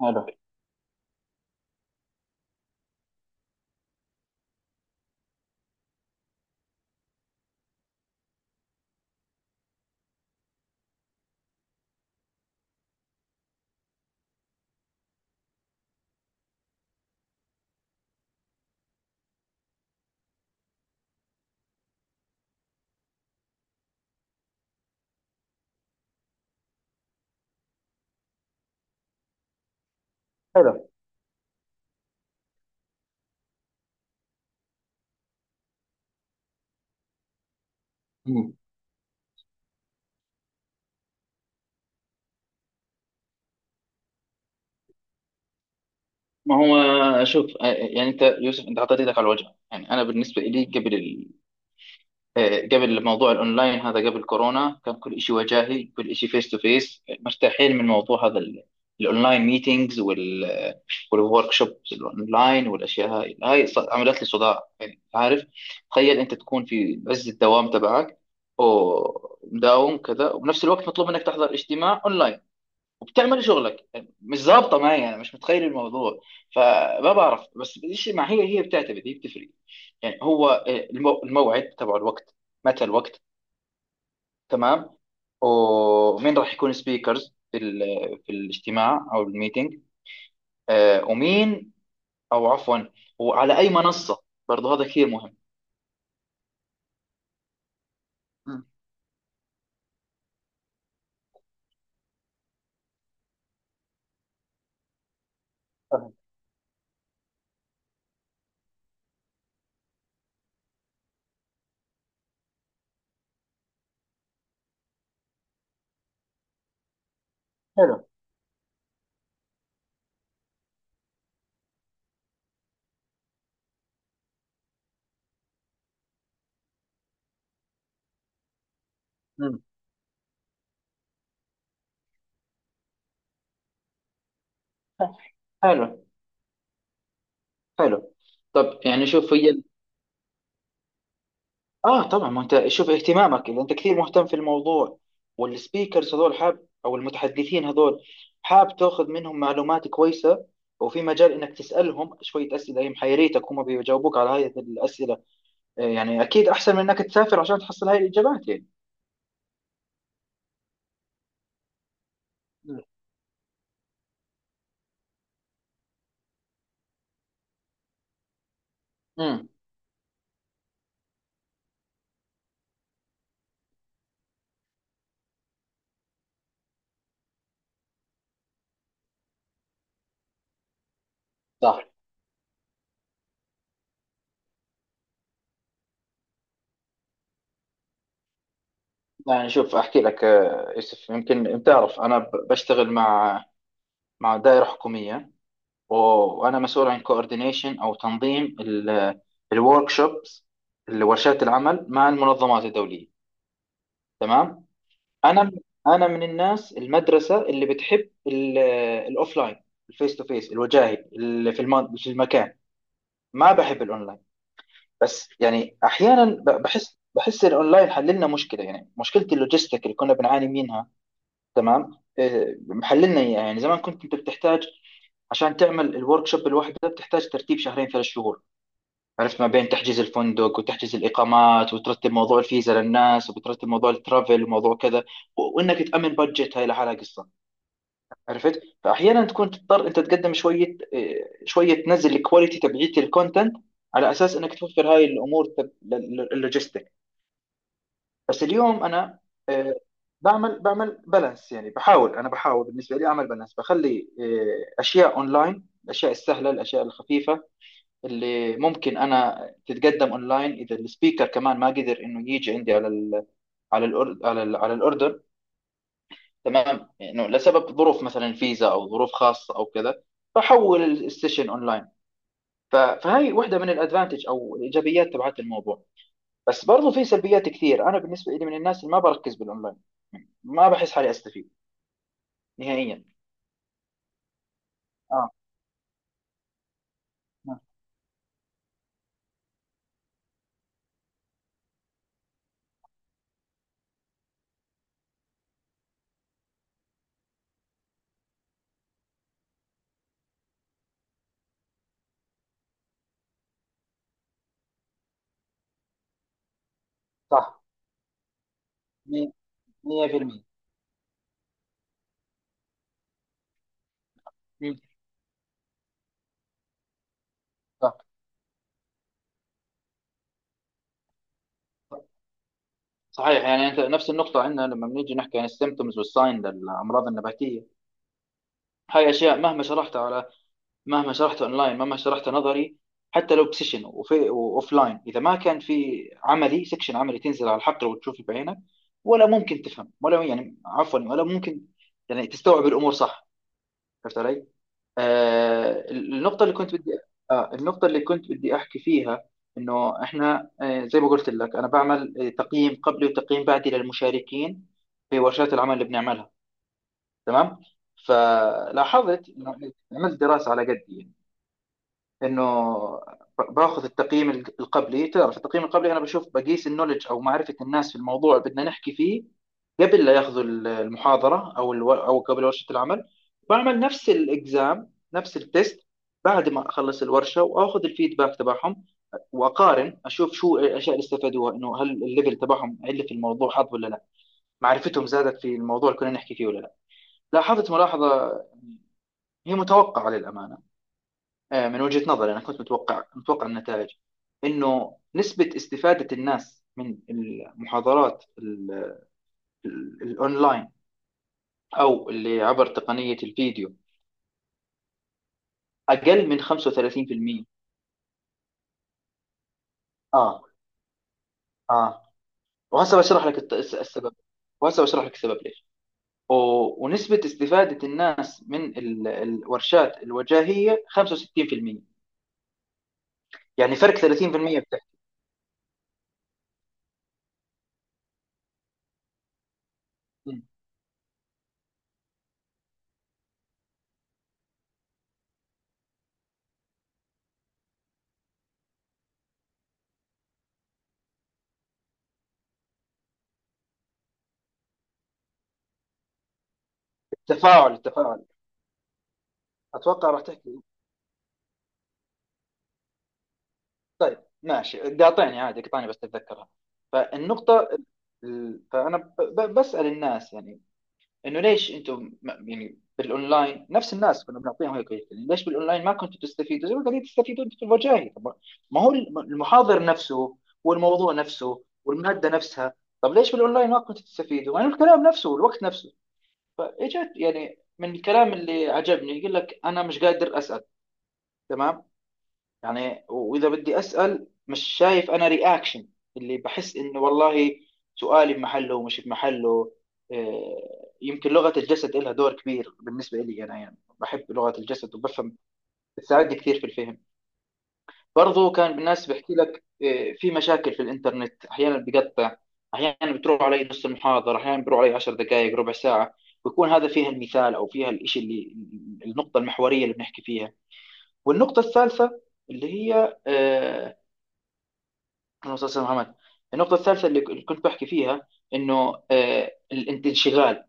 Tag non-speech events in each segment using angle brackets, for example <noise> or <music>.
حلو، حلو. مم. ما هو، شوف، يعني انت يوسف، انت حطيت ايدك على الوجع. يعني انا بالنسبه لي قبل قبل موضوع الاونلاين هذا، قبل كورونا، كان كل شيء وجاهي، كل شيء فيس تو فيس، مرتاحين. من موضوع هذا الاونلاين ميتينجز والورك شوبس الاونلاين والاشياء هاي عملت لي صداع. يعني عارف، تخيل انت تكون في عز الدوام تبعك، ومداوم كذا، وبنفس الوقت مطلوب منك تحضر اجتماع اونلاين وبتعمل شغلك. مش ظابطه معايا، انا مش متخيل الموضوع. فما بعرف، بس الشيء مع هي بتعتمد، هي بتفرق. يعني هو الموعد تبع الوقت، متى الوقت. تمام. ومين راح يكون سبيكرز في في الاجتماع او الميتنج، آه، ومين او عفوا وعلى اي منصه؟ برضه هذا كثير مهم. مم. فهم. حلو. مم. حلو، حلو. طب يعني شوف، هي اه طبعا، ما انت شوف اهتمامك، اذا انت كثير مهتم في الموضوع والسبيكرز هذول، حاب او المتحدثين هذول حاب تاخذ منهم معلومات كويسه، وفي مجال انك تسالهم شويه اسئله هي محيريتك، هم بيجاوبوك على هذه الاسئله، يعني اكيد احسن من انك تسافر عشان تحصل هاي الاجابات يعني. مم. مم. صح. يعني شوف، احكي لك يوسف، يمكن بتعرف انا بشتغل مع دائره حكوميه، وانا مسؤول عن كوردينيشن او تنظيم الورك شوبس، ورشات العمل مع المنظمات الدوليه. تمام. انا انا من الناس، المدرسه اللي بتحب الاوفلاين، الفيس تو فيس، الوجاهي اللي في في المكان. ما بحب الاونلاين، بس يعني احيانا بحس الاونلاين حل لنا مشكله، يعني مشكله اللوجيستيك اللي كنا بنعاني منها. تمام. إيه، محل لنا إياها. يعني زمان كنت انت بتحتاج، عشان تعمل الورك شوب الواحده بتحتاج ترتيب شهرين ثلاث شهور، عرفت، ما بين تحجز الفندق وتحجز الإقامات وترتب موضوع الفيزا للناس، وبترتب موضوع الترافل وموضوع كذا، وإنك تأمن بادجت هاي لحالها قصة. عرفت؟ فأحيانا تكون تضطر أنت تقدم شوية، شوية تنزل الكواليتي تبعيت الكونتنت، على أساس إنك توفر هاي الأمور اللوجيستيك. بس اليوم أنا إيه، بعمل بالانس. يعني بحاول، أنا بحاول بالنسبة لي أعمل بالانس، بخلي أشياء أونلاين، الأشياء السهلة، الأشياء الخفيفة اللي ممكن انا تتقدم اونلاين، اذا السبيكر كمان ما قدر انه يجي عندي على ال على الأر- على ال- على الاردن. تمام، انه لسبب ظروف، مثلا فيزا او ظروف خاصه او كذا، فحول السيشن اونلاين. فهي واحده من الادفانتج او الايجابيات تبعت الموضوع. بس برضو في سلبيات كثير، انا بالنسبه لي من الناس اللي ما بركز بالاونلاين، ما بحس حالي استفيد نهائيا. اه، صح، 100%. صح، صحيح. يعني انت نفس النقطة، عندنا لما بنيجي نحكي عن السيمتومز والساين للأمراض النباتية، هاي أشياء مهما شرحتها أونلاين، مهما شرحتها نظري، حتى لو بسيشن وأوفلاين، إذا ما كان في سكشن عملي تنزل على الحقل وتشوف بعينك، ولا ممكن تفهم، ولا يعني، عفوا، ولا ممكن يعني تستوعب الأمور، صح؟ عرفت علي؟ آه، النقطة اللي كنت بدي النقطة اللي كنت بدي أحكي فيها، إنه إحنا زي ما قلت لك أنا بعمل تقييم قبلي وتقييم بعدي للمشاركين في ورشات العمل اللي بنعملها. تمام. فلاحظت إنه، عملت دراسة على قدي، انه باخذ التقييم القبلي، تعرف التقييم القبلي، انا بشوف، بقيس النولج او معرفه الناس في الموضوع اللي بدنا نحكي فيه قبل لا ياخذوا المحاضره او او قبل ورشه العمل. بعمل نفس الاكزام، نفس التست، بعد ما اخلص الورشه واخذ الفيدباك تبعهم، واقارن، اشوف شو الاشياء اللي استفادوها، انه هل الليفل تبعهم عله في الموضوع حظ ولا لا، معرفتهم زادت في الموضوع اللي كنا نحكي فيه ولا لا. لاحظت ملاحظه هي متوقعه للامانه، من وجهة نظري أنا كنت متوقع النتائج، إنه نسبة استفادة الناس من المحاضرات الأونلاين أو اللي عبر تقنية الفيديو أقل من 35%. آه آه وهسه بشرح لك السبب. وهسه بشرح لك السبب ليش. ونسبة استفادة الناس من الورشات الوجاهية 65%، يعني فرق 30%. بتحكي التفاعل، التفاعل، أتوقع راح تحكي. طيب، ماشي، بدي اعطيني عادي، اقطعني بس تتذكرها. فالنقطة، فأنا بسأل الناس، يعني إنه ليش أنتم يعني بالأونلاين، نفس الناس كنا بنعطيهم هيك هيك، يعني ليش بالأونلاين ما كنتوا تستفيدوا زي ما قاعدين تستفيدوا أنتوا في الوجاهي؟ طب ما هو المحاضر نفسه والموضوع نفسه والمادة نفسها، طب ليش بالأونلاين ما كنتوا تستفيدوا، يعني الكلام نفسه والوقت نفسه؟ فإجت، يعني، من الكلام اللي عجبني يقول لك أنا مش قادر أسأل. تمام. يعني واذا بدي اسال، مش شايف انا رياكشن اللي بحس انه والله سؤالي بمحله ومش بمحله. يمكن لغه الجسد لها دور كبير بالنسبه لي انا، يعني بحب لغه الجسد وبفهم، بتساعدني كثير في الفهم. برضو كان الناس بحكي لك في مشاكل في الانترنت، احيانا بقطع، احيانا بتروح علي نص المحاضره، احيانا بروح علي 10 دقائق، ربع ساعه، بيكون هذا فيها المثال او فيها الشيء اللي النقطه المحوريه اللي بنحكي فيها. والنقطه الثالثه اللي هي من مسلسل محمد، النقطة الثالثة اللي كنت بحكي فيها، إنه الانشغال.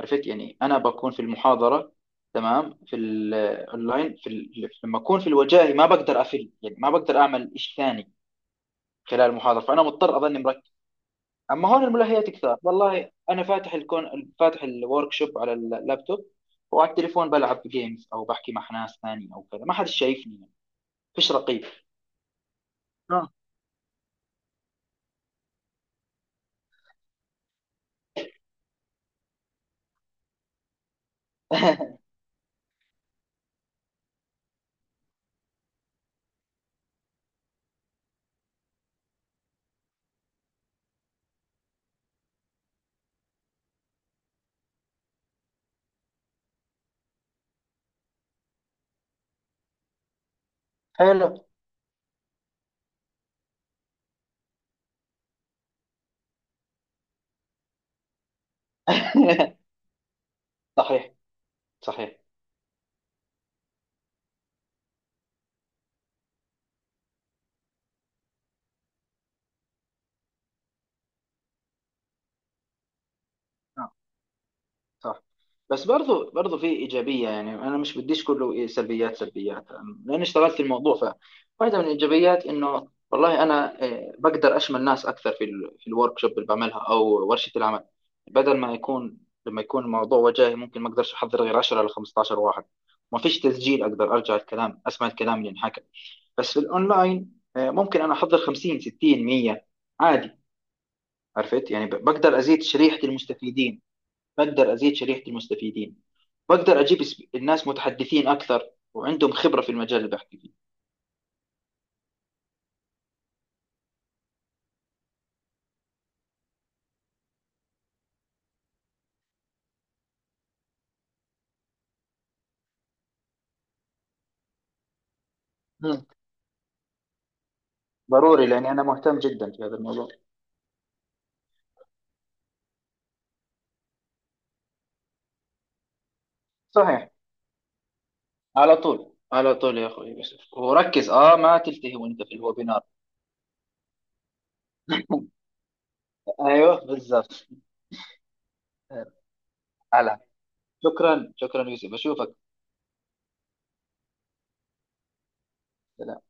عرفت؟ يعني أنا بكون في المحاضرة، تمام، في الأونلاين في ال- لما أكون في الوجاهي ما بقدر أفل، يعني ما بقدر أعمل شيء ثاني خلال المحاضرة، فأنا مضطر أظني مركز. أما هون الملهيات كثار، والله أنا فاتح الكون، فاتح الورك شوب على اللابتوب، وعلى التليفون بلعب جيمز أو بحكي مع ناس ثانية أو كذا، ما حد شايفني يعني، فيش رقيب. اه. <laughs> حلو. <laughs> صحيح، صحيح، صح. بس برضو في ايجابيه، يعني انا مش بديش كله سلبيات، سلبيات. لان اشتغلت في الموضوع، فواحده من الايجابيات انه والله انا بقدر اشمل ناس اكثر في في الورك شوب اللي بعملها او ورشه العمل. بدل ما يكون لما يكون الموضوع وجاهي ممكن ما اقدرش احضر غير 10 ل 15 واحد، ما فيش تسجيل اقدر ارجع الكلام، اسمع الكلام اللي انحكى. بس في الاونلاين ممكن انا احضر 50، 60، 100 عادي. عرفت يعني، بقدر ازيد شريحه المستفيدين، بقدر ازيد شريحه المستفيدين، بقدر اجيب الناس متحدثين اكثر وعندهم خبره في المجال اللي بحكي فيه. مم. ضروري، لاني انا مهتم جدا في هذا الموضوع. صحيح. على طول، على طول يا اخوي يوسف، وركز، ما تلتهي وانت في الويبينار. ايوه، بالضبط. آه، على شكرا، شكرا يوسف، اشوفك. سلام.